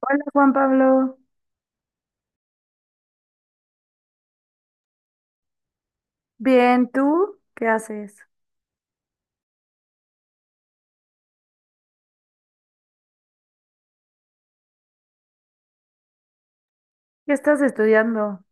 Hola Juan Pablo, bien, ¿tú qué haces? ¿Qué estás estudiando?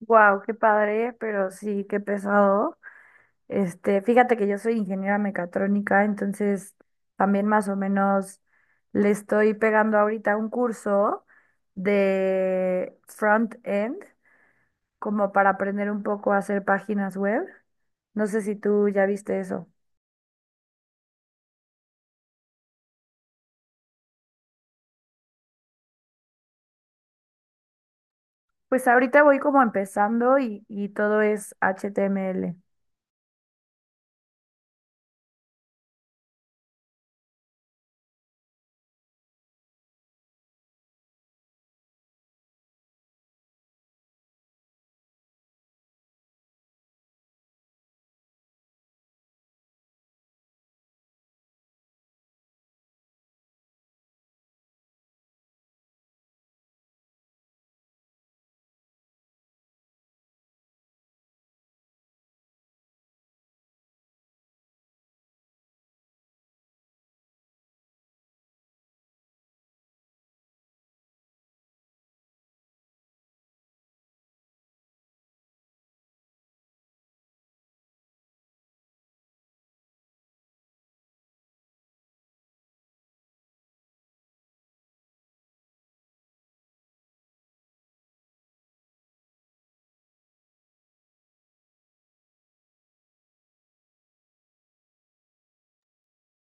Wow, qué padre, pero sí, qué pesado. Este, fíjate que yo soy ingeniera mecatrónica, entonces también más o menos le estoy pegando ahorita un curso de front-end, como para aprender un poco a hacer páginas web. No sé si tú ya viste eso. Pues ahorita voy como empezando y todo es HTML.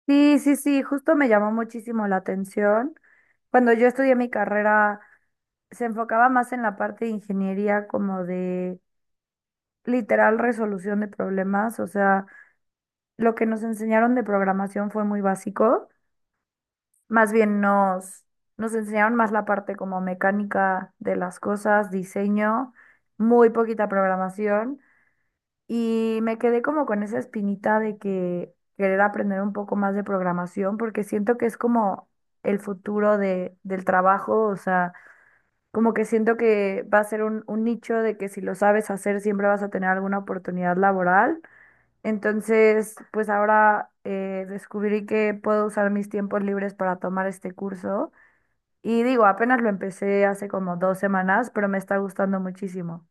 Sí, sí, sí, justo me llamó muchísimo la atención. Cuando yo estudié mi carrera, se enfocaba más en la parte de ingeniería como de literal resolución de problemas, o sea, lo que nos enseñaron de programación fue muy básico, más bien nos enseñaron más la parte como mecánica de las cosas, diseño, muy poquita programación. Y me quedé como con esa espinita de que querer aprender un poco más de programación, porque siento que es como el futuro del trabajo, o sea, como que siento que va a ser un nicho de que si lo sabes hacer siempre vas a tener alguna oportunidad laboral. Entonces, pues ahora descubrí que puedo usar mis tiempos libres para tomar este curso. Y digo, apenas lo empecé hace como 2 semanas, pero me está gustando muchísimo.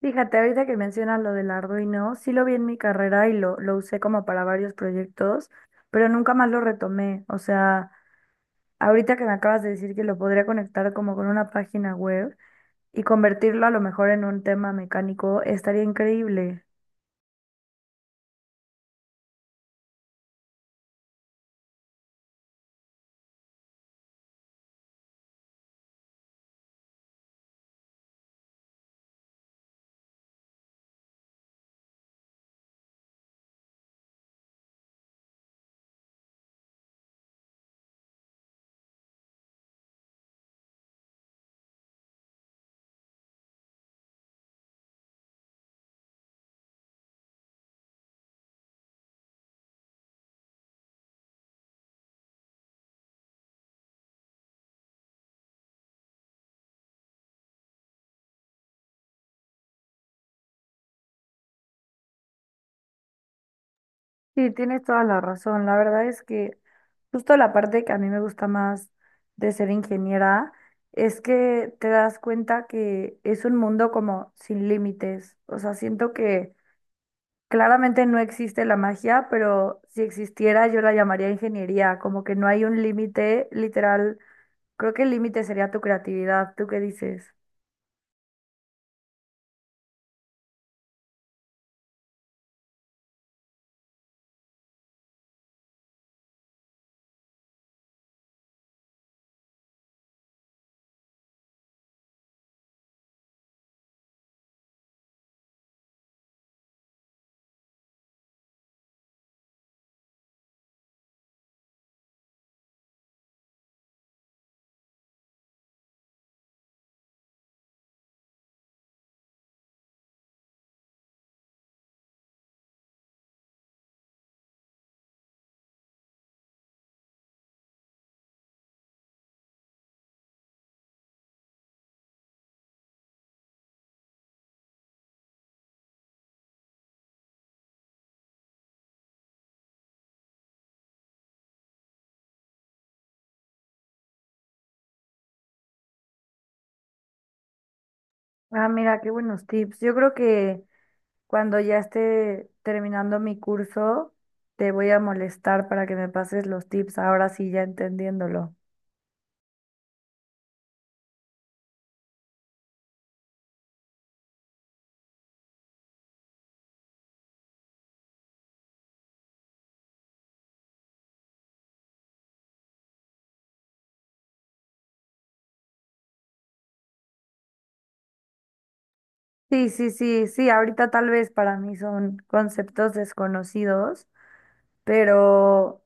Fíjate, ahorita que mencionas lo del Arduino, sí lo vi en mi carrera y lo usé como para varios proyectos, pero nunca más lo retomé. O sea, ahorita que me acabas de decir que lo podría conectar como con una página web y convertirlo a lo mejor en un tema mecánico, estaría increíble. Sí, tienes toda la razón. La verdad es que justo la parte que a mí me gusta más de ser ingeniera es que te das cuenta que es un mundo como sin límites. O sea, siento que... Claramente no existe la magia, pero si existiera yo la llamaría ingeniería, como que no hay un límite literal. Creo que el límite sería tu creatividad. ¿Tú qué dices? Ah, mira, qué buenos tips. Yo creo que cuando ya esté terminando mi curso, te voy a molestar para que me pases los tips, ahora sí ya entendiéndolo. Sí, sí, sí, sí, ahorita tal vez para mí son conceptos desconocidos, pero...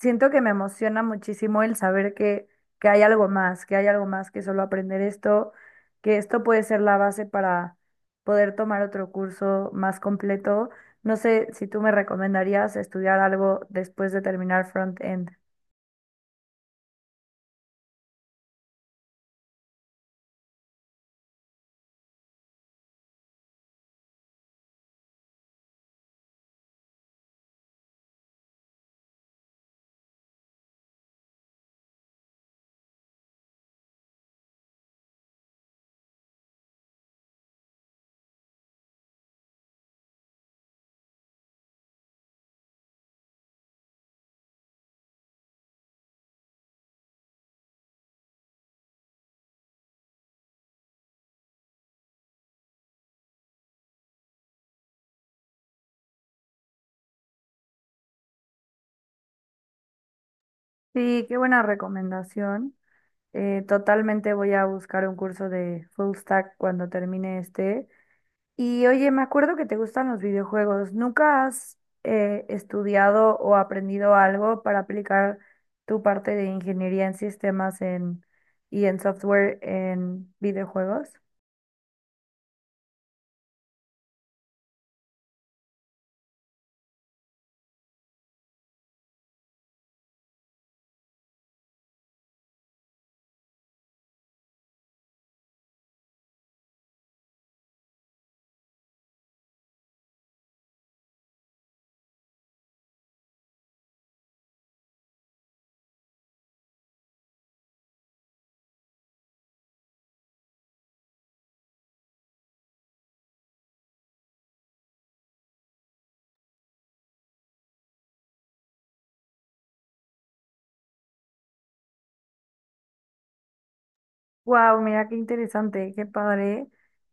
Siento que me emociona muchísimo el saber que hay algo más, que hay algo más que solo aprender esto, que esto puede ser la base para poder tomar otro curso más completo. No sé si tú me recomendarías estudiar algo después de terminar front-end. Sí, qué buena recomendación. Totalmente voy a buscar un curso de full stack cuando termine este. Y oye, me acuerdo que te gustan los videojuegos. ¿Nunca has estudiado o aprendido algo para aplicar tu parte de ingeniería en sistemas y en software en videojuegos? Wow, mira qué interesante, qué padre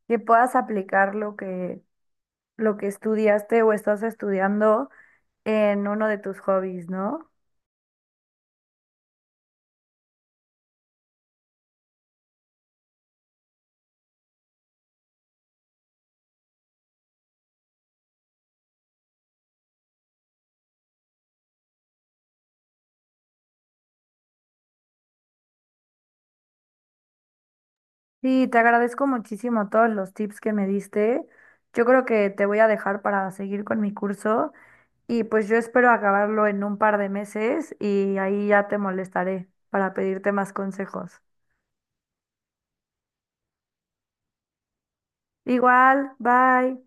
que puedas aplicar lo que estudiaste o estás estudiando en uno de tus hobbies, ¿no? Sí, te agradezco muchísimo todos los tips que me diste. Yo creo que te voy a dejar para seguir con mi curso. Y pues yo espero acabarlo en un par de meses y ahí ya te molestaré para pedirte más consejos. Igual, bye.